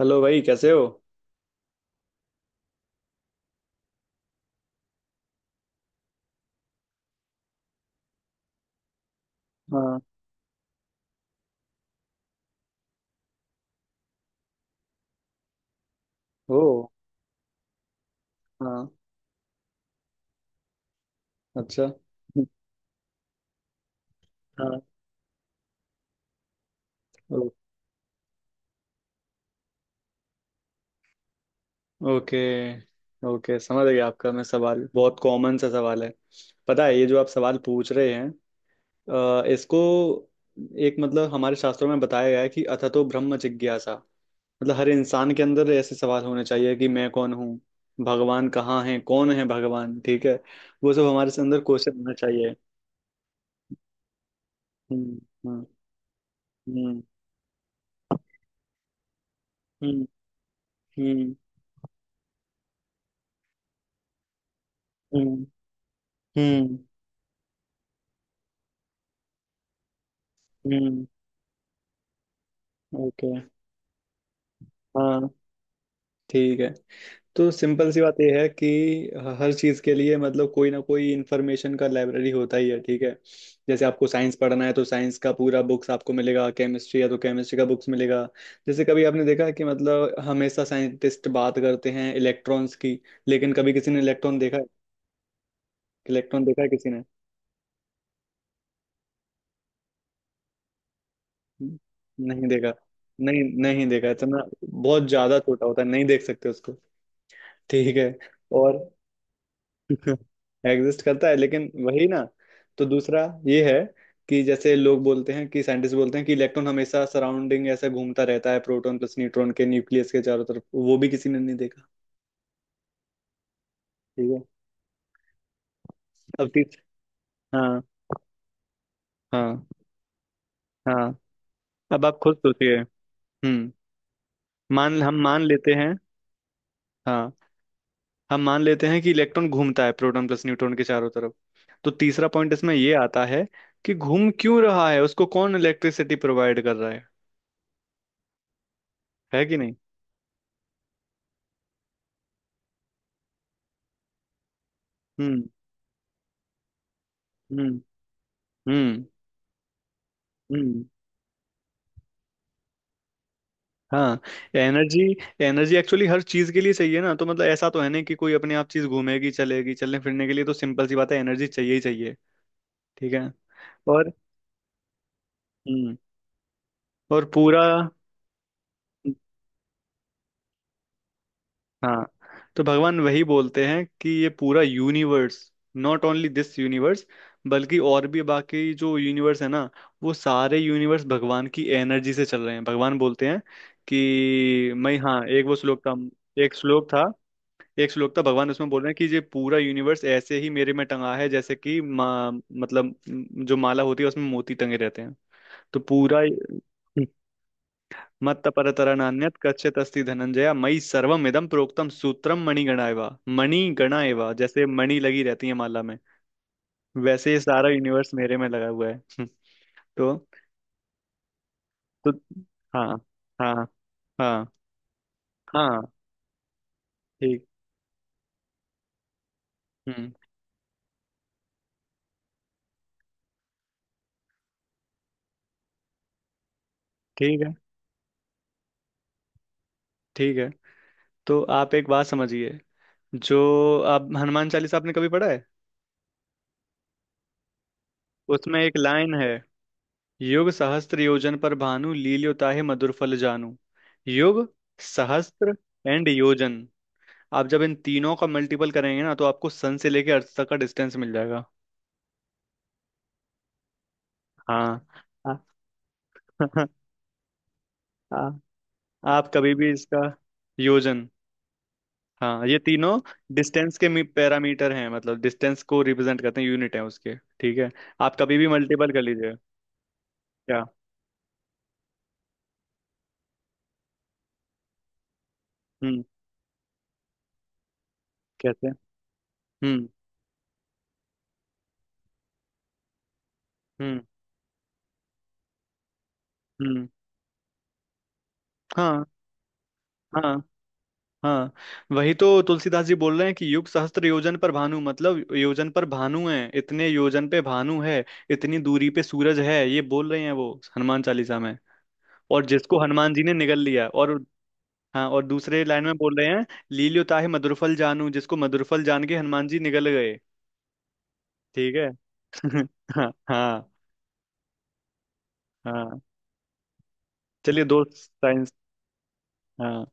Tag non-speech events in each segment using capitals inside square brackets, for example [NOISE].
Hello भाई, कैसे हो? हाँ। ओ। हाँ। अच्छा। हाँ। ओ। ओके। ओके, समझ गया आपका। मैं सवाल बहुत कॉमन सा सवाल है। पता है ये जो आप सवाल पूछ रहे हैं, इसको एक मतलब हमारे शास्त्रों में बताया गया है कि अथतो ब्रह्म जिज्ञासा। मतलब हर इंसान के अंदर ऐसे सवाल होने चाहिए कि मैं कौन हूँ, भगवान कहाँ है, कौन है भगवान? ठीक है। वो सब हमारे से अंदर क्वेश्चन होना चाहिए। हम्म। हम्म। हम्म। हम्म। हम्म। हम्म। हम्म। हम्म। ओके। हाँ, ठीक है। तो सिंपल सी बात यह है कि हर चीज़ के लिए मतलब कोई ना कोई इन्फॉर्मेशन का लाइब्रेरी होता ही है, ठीक है। जैसे आपको साइंस पढ़ना है तो साइंस का पूरा बुक्स आपको मिलेगा, केमिस्ट्री है तो केमिस्ट्री का बुक्स मिलेगा। जैसे कभी आपने देखा कि मतलब हमेशा साइंटिस्ट बात करते हैं इलेक्ट्रॉन्स की, लेकिन कभी किसी ने इलेक्ट्रॉन देखा है? इलेक्ट्रॉन देखा है किसी ने? नहीं देखा। नहीं, नहीं देखा, इतना बहुत ज़्यादा छोटा होता है, नहीं देख सकते उसको। ठीक है। और [LAUGHS] एग्जिस्ट करता है, लेकिन वही ना। तो दूसरा ये है कि जैसे लोग बोलते हैं कि साइंटिस्ट बोलते हैं कि इलेक्ट्रॉन हमेशा सराउंडिंग ऐसा घूमता रहता है, प्रोटॉन प्लस न्यूट्रॉन के न्यूक्लियस के चारों तरफ। वो भी किसी ने नहीं देखा। ठीक है। अब 30। हाँ। हाँ। हाँ। अब आप खुद सोचिए। हम्म। मान हम मान लेते हैं। हाँ। हम मान लेते हैं कि इलेक्ट्रॉन घूमता है प्रोटॉन प्लस न्यूट्रॉन के चारों तरफ। तो तीसरा पॉइंट इसमें ये आता है कि घूम क्यों रहा है, उसको कौन इलेक्ट्रिसिटी प्रोवाइड कर रहा है कि नहीं। हम्म। हम्म। हम्म। हम्म। हाँ। एनर्जी। एनर्जी एक्चुअली हर चीज के लिए चाहिए ना, तो मतलब ऐसा तो है नहीं कि कोई अपने आप चीज घूमेगी चलेगी। चलने फिरने के लिए तो सिंपल सी बात है, एनर्जी चाहिए ही चाहिए। ठीक है। और हम्म पूरा। हाँ, तो भगवान वही बोलते हैं कि ये पूरा universe, not only this universe, बल्कि और भी बाकी जो यूनिवर्स है ना, वो सारे यूनिवर्स भगवान की एनर्जी से चल रहे हैं। भगवान बोलते हैं कि मैं, हाँ, एक वो श्लोक था। एक श्लोक था। भगवान उसमें बोल रहे हैं कि ये पूरा यूनिवर्स ऐसे ही मेरे में टंगा है, जैसे कि मतलब जो माला होती है उसमें मोती टंगे रहते हैं। तो पूरा। हम्म। मत्त परतरा नान्यत् कच्चित् अस्ति धनंजया मयि सर्वम इदम प्रोक्तम सूत्रम मणिगणा एवा। मणिगणा एवा, जैसे मणि लगी रहती है माला में, वैसे ये सारा यूनिवर्स मेरे में लगा हुआ है। हम्म। तो तो हाँ। हाँ। हाँ। हाँ। ठीक। हम्म ठीक है। ठीक है। तो आप एक बात समझिए। जो आप हनुमान चालीसा आपने कभी पढ़ा है? उसमें एक लाइन है, युग सहस्त्र योजन पर भानु लील्योताहे मधुर फल जानू। युग, सहस्त्र एंड योजन। आप जब इन तीनों का मल्टीपल करेंगे ना, तो आपको सन से लेके अर्थ तक का डिस्टेंस मिल जाएगा। हाँ। आ, [LAUGHS] आ, आप कभी भी इसका योजन। हाँ, ये तीनों डिस्टेंस के पैरामीटर हैं, मतलब डिस्टेंस को रिप्रेजेंट करते हैं, यूनिट है उसके, ठीक है। आप कभी भी मल्टीपल कर लीजिए। क्या। हम्म। कहते हैं। हम्म। हम्म। हम्म। हाँ। हाँ। हाँ। वही तो तुलसीदास जी बोल रहे हैं कि युग सहस्त्र योजन पर भानु, मतलब योजन पर भानु है, इतने योजन पे भानु है, इतनी दूरी पे सूरज है, ये बोल रहे हैं वो, हनुमान चालीसा में। और जिसको हनुमान जी ने निगल लिया। और हाँ, और दूसरे लाइन में बोल रहे हैं लील्यो ताहि मधुरफल जानू, जिसको मधुरफल जान के हनुमान जी निगल गए। ठीक है। [LAUGHS] हाँ। हाँ। हाँ। चलिए, दो साइंस। हाँ।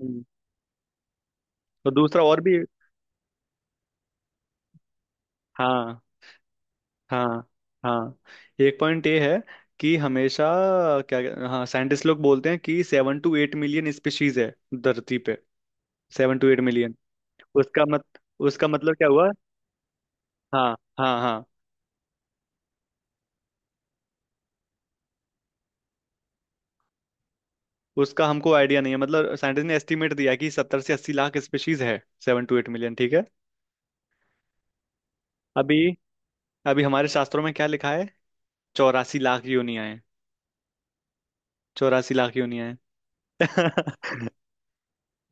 हम्म। तो दूसरा और भी। हाँ। हाँ। हाँ। एक पॉइंट ये है कि हमेशा, क्या, हाँ, साइंटिस्ट लोग बोलते हैं कि 7 to 8 मिलियन स्पीशीज है धरती पे। 7 to 8 मिलियन। उसका मत उसका मतलब क्या हुआ? हाँ। हाँ। हाँ। उसका हमको आइडिया नहीं है, मतलब साइंटिस्ट ने एस्टिमेट दिया कि 70 से 80 लाख स्पीशीज है, 7 to 8 मिलियन, ठीक है। अभी, अभी हमारे शास्त्रों में क्या लिखा है? 84 लाख योनियां हैं। 84 लाख योनियां हैं। [LAUGHS]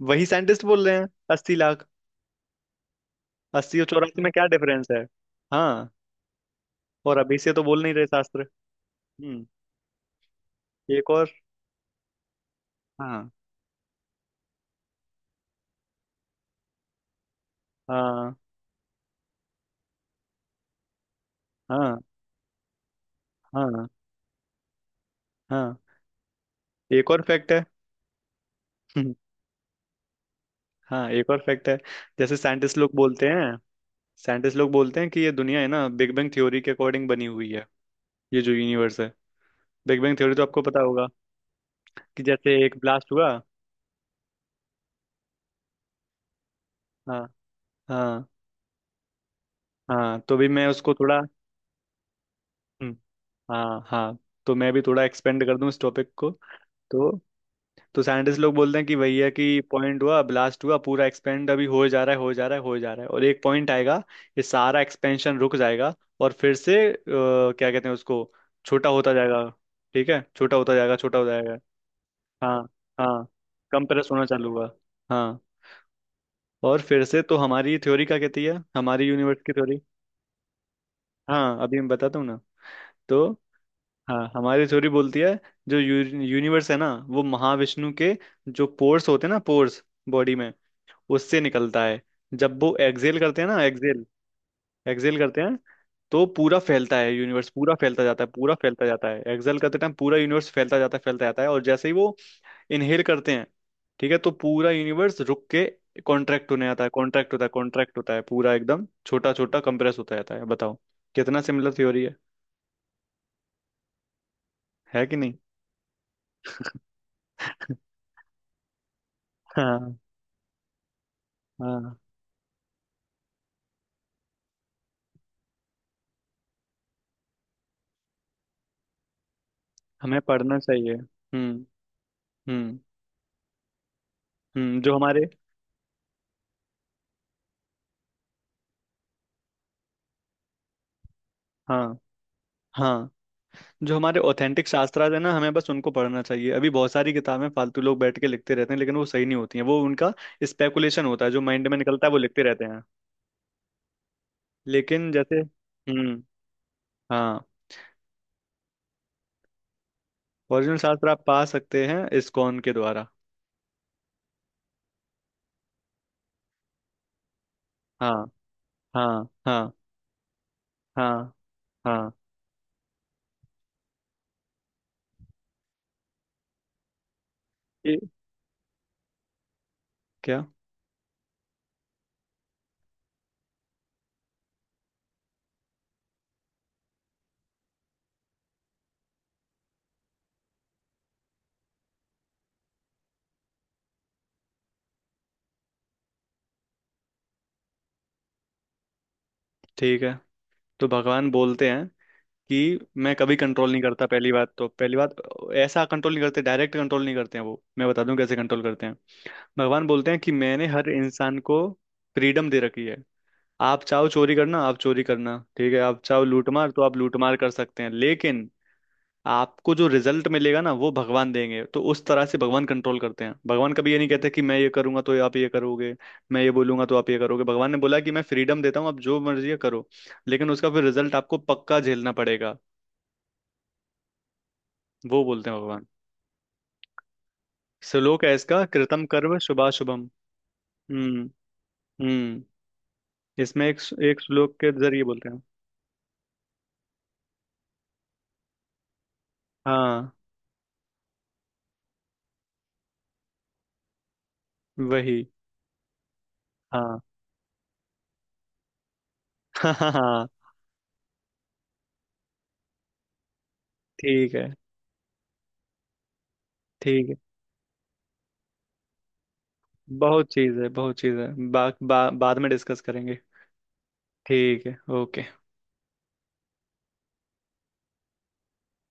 वही साइंटिस्ट बोल रहे हैं 80 लाख। 80 और 84 में क्या डिफरेंस है? हाँ। और अभी से तो बोल नहीं रहे शास्त्र। हम्म एक और। हाँ। हाँ। हाँ। हाँ। हाँ, एक और फैक्ट है। [LAUGHS] हम्म, हाँ, एक और फैक्ट है। जैसे साइंटिस्ट लोग बोलते हैं कि ये दुनिया है ना, बिग बैंग थ्योरी के अकॉर्डिंग बनी हुई है। ये जो यूनिवर्स है, बिग बैंग थ्योरी तो आपको पता होगा, कि जैसे एक ब्लास्ट हुआ। हाँ। हाँ। हाँ। तो भी मैं उसको थोड़ा। हम्म, हाँ। हाँ, तो मैं भी थोड़ा एक्सपेंड कर दूं इस टॉपिक को। तो तो साइंटिस्ट लोग बोलते हैं कि भैया कि पॉइंट हुआ, ब्लास्ट हुआ, पूरा एक्सपेंड अभी हो जा रहा है, हो जा रहा है, हो जा रहा है, और एक पॉइंट आएगा, ये सारा एक्सपेंशन रुक जाएगा। और फिर से क्या कहते हैं उसको, छोटा होता जाएगा। ठीक है, छोटा होता जाएगा, छोटा होता जाएगा। हाँ। हाँ। कंप्रेस होना चालू हुआ। हाँ, और फिर से तो हमारी थ्योरी क्या कहती है, हमारी यूनिवर्स की थ्योरी? हाँ, अभी मैं बताता हूँ ना। तो हाँ, हमारी थ्योरी बोलती है, जो यूनिवर्स है ना, वो महाविष्णु के जो पोर्स होते हैं ना, पोर्स, बॉडी में, उससे निकलता है। जब वो एक्सहेल करते हैं ना, एक्सहेल, एक्सहेल करते हैं, तो पूरा फैलता है यूनिवर्स, पूरा फैलता जाता है, पूरा फैलता जाता है, एक्सहेल करते टाइम पूरा यूनिवर्स फैलता जाता है, फैलता जाता है। और जैसे ही वो इनहेल करते हैं, ठीक है, तो पूरा यूनिवर्स रुक के कॉन्ट्रैक्ट होने आता है, कॉन्ट्रैक्ट होता है, कॉन्ट्रैक्ट होता है, पूरा एकदम छोटा छोटा कंप्रेस होता जाता है। बताओ कितना सिमिलर थ्योरी है कि नहीं? हाँ। हाँ। हमें पढ़ना चाहिए। हम्म। हम्म। हम्म। जो हमारे हाँ। हाँ, जो हमारे ऑथेंटिक शास्त्रार्थ है ना, हमें बस उनको पढ़ना चाहिए। अभी बहुत सारी किताबें फालतू लोग बैठ के लिखते रहते हैं, लेकिन वो सही नहीं होती हैं। वो उनका स्पेकुलेशन होता है, जो माइंड में निकलता है वो लिखते रहते हैं। लेकिन जैसे, हम्म, हाँ, ओरिजिनल शास्त्र आप पा सकते हैं इस्कॉन के द्वारा। हाँ। हाँ। हाँ। हाँ। हाँ, ये, क्या, ठीक है। तो भगवान बोलते हैं कि मैं कभी कंट्रोल नहीं करता, पहली बात, तो पहली बात ऐसा कंट्रोल नहीं करते, डायरेक्ट कंट्रोल नहीं करते हैं वो। मैं बता दूं कैसे कंट्रोल करते हैं। भगवान बोलते हैं कि मैंने हर इंसान को फ्रीडम दे रखी है। आप चाहो चोरी करना, आप चोरी करना, ठीक है, आप चाहो लूटमार तो आप लूटमार कर सकते हैं, लेकिन आपको जो रिजल्ट मिलेगा ना, वो भगवान देंगे। तो उस तरह से भगवान कंट्रोल करते हैं। भगवान कभी ये नहीं कहते कि मैं ये करूंगा तो आप ये करोगे, मैं ये बोलूंगा तो आप ये करोगे। भगवान ने बोला कि मैं फ्रीडम देता हूँ, आप जो मर्जी है करो, लेकिन उसका फिर रिजल्ट आपको पक्का झेलना पड़ेगा, वो बोलते हैं भगवान। श्लोक है इसका, कृतम कर्म शुभाशुभम। हम्म। हम्म। इसमें एक, एक श्लोक के जरिए बोलते हैं। हाँ, वही। हाँ। [LAUGHS] हाँ। हाँ। हाँ। ठीक है। ठीक है, बहुत चीज है, बहुत चीज है, बा, बा, बाद में डिस्कस करेंगे। ठीक है, ओके।